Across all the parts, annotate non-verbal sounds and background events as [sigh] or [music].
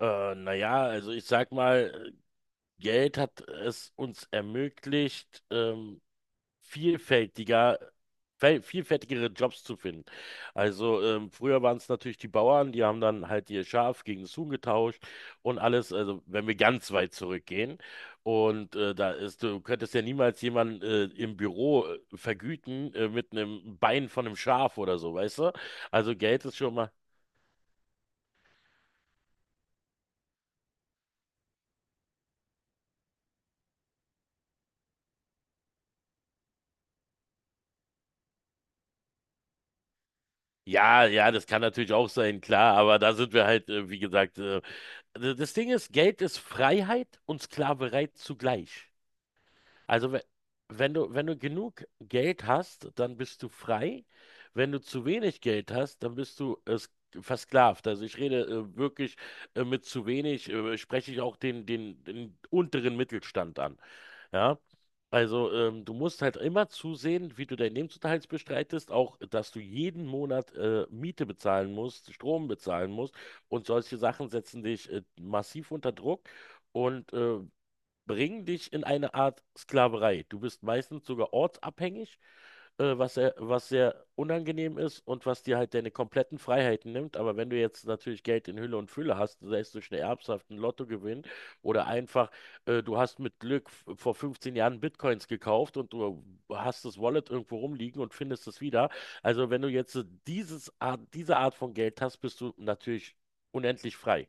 Also ich sag mal, Geld hat es uns ermöglicht, vielfältiger, vielfältigere Jobs zu finden. Also früher waren es natürlich die Bauern, die haben dann halt ihr Schaf gegen das Huhn getauscht und alles, also wenn wir ganz weit zurückgehen. Da ist, du könntest ja niemals jemanden im Büro vergüten mit einem Bein von einem Schaf oder so, weißt du? Also Geld ist schon mal. Ja, ja, das kann natürlich auch sein, klar, aber da sind wir halt, wie gesagt, das Ding ist, Geld ist Freiheit und Sklaverei zugleich. Also wenn du, wenn du genug Geld hast, dann bist du frei. Wenn du zu wenig Geld hast, dann bist du versklavt. Also ich rede wirklich mit zu wenig, spreche ich auch den unteren Mittelstand an. Ja, also du musst halt immer zusehen, wie du deinen Lebensunterhalt bestreitest, auch dass du jeden Monat Miete bezahlen musst, Strom bezahlen musst und solche Sachen setzen dich massiv unter Druck. Und äh, bringen dich in eine Art Sklaverei. Du bist meistens sogar ortsabhängig, was sehr unangenehm ist und was dir halt deine kompletten Freiheiten nimmt. Aber wenn du jetzt natürlich Geld in Hülle und Fülle hast, sei es durch eine Erbschaft, einen Lottogewinn oder einfach, du hast mit Glück vor 15 Jahren Bitcoins gekauft und du hast das Wallet irgendwo rumliegen und findest es wieder. Also wenn du jetzt diese Art von Geld hast, bist du natürlich unendlich frei.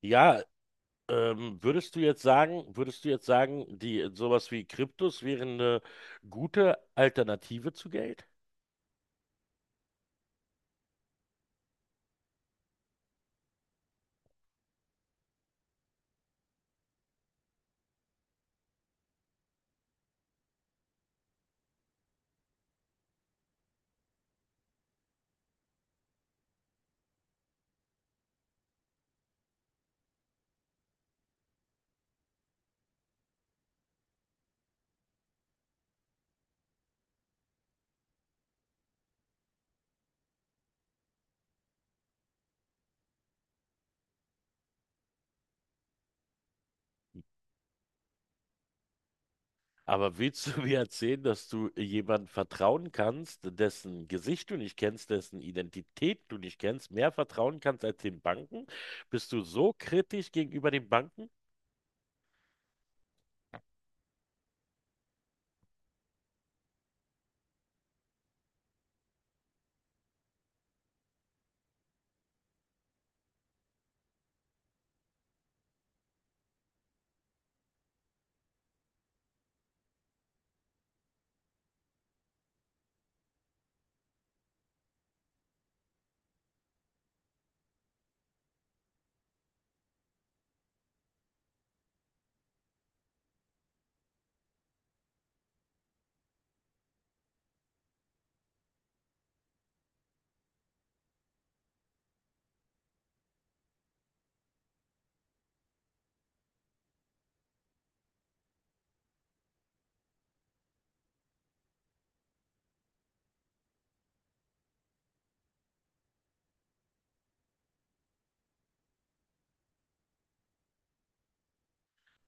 Ja. Würdest du jetzt sagen, die sowas wie Kryptos wären eine gute Alternative zu Geld? Aber willst du [laughs] mir erzählen, dass du jemandem vertrauen kannst, dessen Gesicht du nicht kennst, dessen Identität du nicht kennst, mehr vertrauen kannst als den Banken? Bist du so kritisch gegenüber den Banken?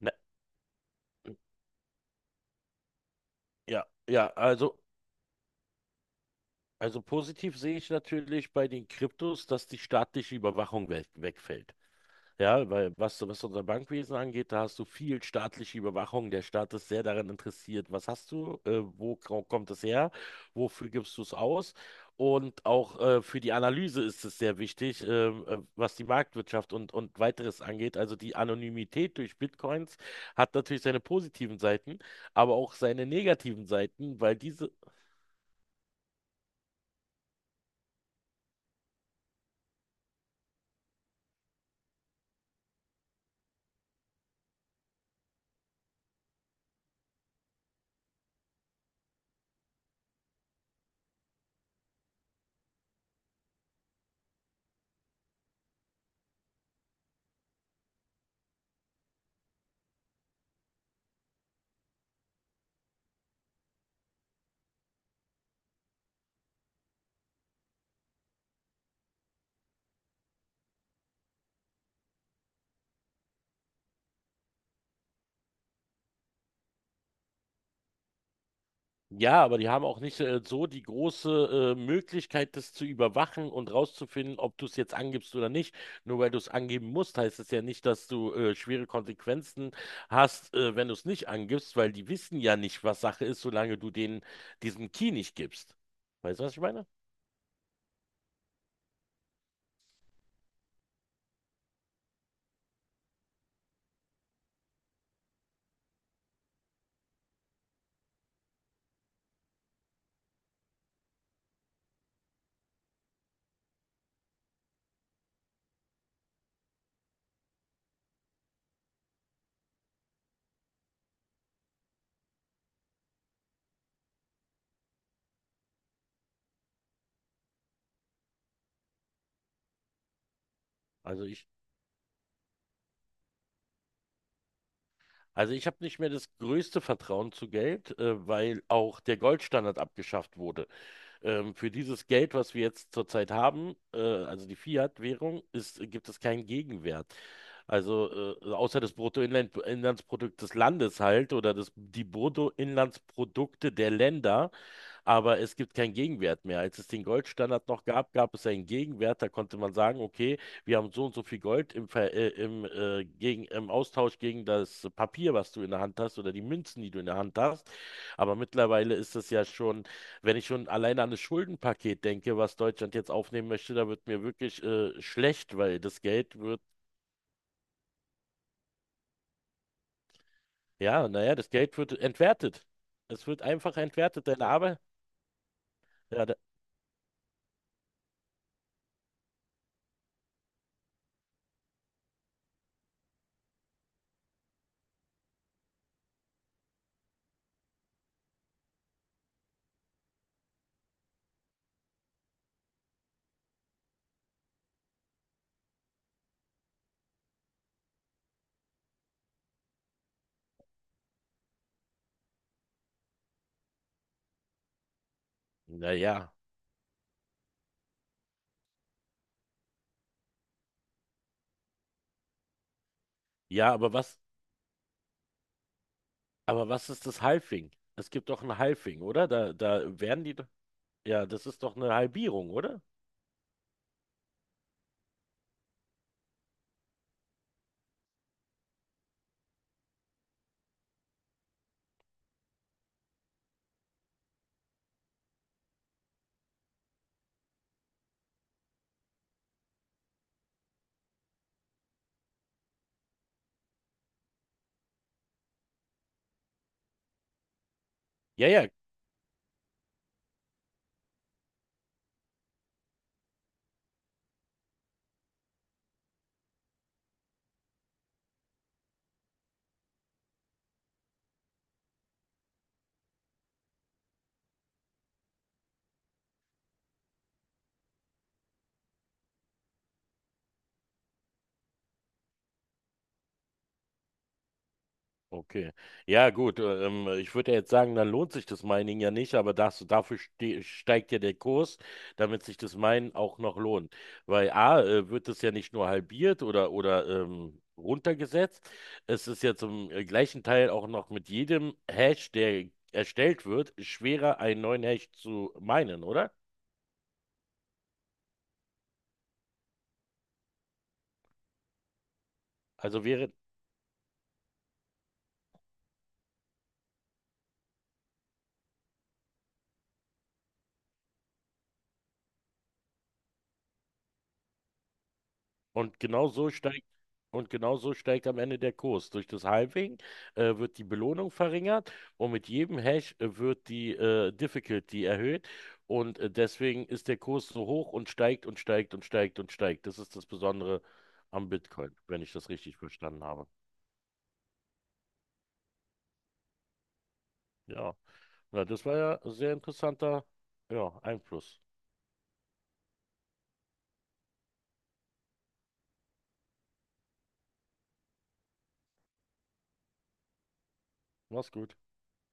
Na, ja, ja, also, also positiv sehe ich natürlich bei den Kryptos, dass die staatliche Überwachung we wegfällt. Ja, weil was, was unser Bankwesen angeht, da hast du viel staatliche Überwachung. Der Staat ist sehr daran interessiert, was hast du, wo kommt es her, wofür gibst du es aus? Und auch für die Analyse ist es sehr wichtig, was die Marktwirtschaft und weiteres angeht. Also die Anonymität durch Bitcoins hat natürlich seine positiven Seiten, aber auch seine negativen Seiten, weil diese. Ja, aber die haben auch nicht so die große Möglichkeit, das zu überwachen und rauszufinden, ob du es jetzt angibst oder nicht. Nur weil du es angeben musst, heißt es ja nicht, dass du schwere Konsequenzen hast, wenn du es nicht angibst, weil die wissen ja nicht, was Sache ist, solange du denen diesen Key nicht gibst. Weißt du, was ich meine? Also ich, also ich habe nicht mehr das größte Vertrauen zu Geld, weil auch der Goldstandard abgeschafft wurde. Für dieses Geld, was wir jetzt zurzeit haben, also die Fiat-Währung, gibt es keinen Gegenwert. Also außer des Bruttoinlandsprodukt des Landes halt oder die Bruttoinlandsprodukte der Länder, aber es gibt keinen Gegenwert mehr. Als es den Goldstandard noch gab, gab es einen Gegenwert. Da konnte man sagen, okay, wir haben so und so viel Gold im Austausch gegen das Papier, was du in der Hand hast oder die Münzen, die du in der Hand hast. Aber mittlerweile ist es ja schon, wenn ich schon alleine an das Schuldenpaket denke, was Deutschland jetzt aufnehmen möchte, da wird mir wirklich schlecht, weil das Geld wird entwertet. Es wird einfach entwertet. Deine Arbeit, ja, da, naja. Ja, Ja, aber was, aber was ist das Halving? Es gibt doch ein Halving, oder? Da, da werden die. Doch- Ja, das ist doch eine Halbierung, oder? Ja, ja. Okay. Ja, gut. Ich würde ja jetzt sagen, dann lohnt sich das Mining ja nicht, aber das, dafür steigt ja der Kurs, damit sich das Minen auch noch lohnt. Weil A, wird es ja nicht nur halbiert oder runtergesetzt, es ist ja zum gleichen Teil auch noch mit jedem Hash, der erstellt wird, schwerer, einen neuen Hash zu minen, oder? Also wäre. Und genau so steigt, und genau so steigt am Ende der Kurs. Durch das Halving wird die Belohnung verringert und mit jedem Hash wird die Difficulty erhöht. Deswegen ist der Kurs so hoch und steigt und steigt und steigt und steigt. Das ist das Besondere am Bitcoin, wenn ich das richtig verstanden habe. Ja, na, das war ja ein sehr interessanter, ja, Einfluss. Mach's gut.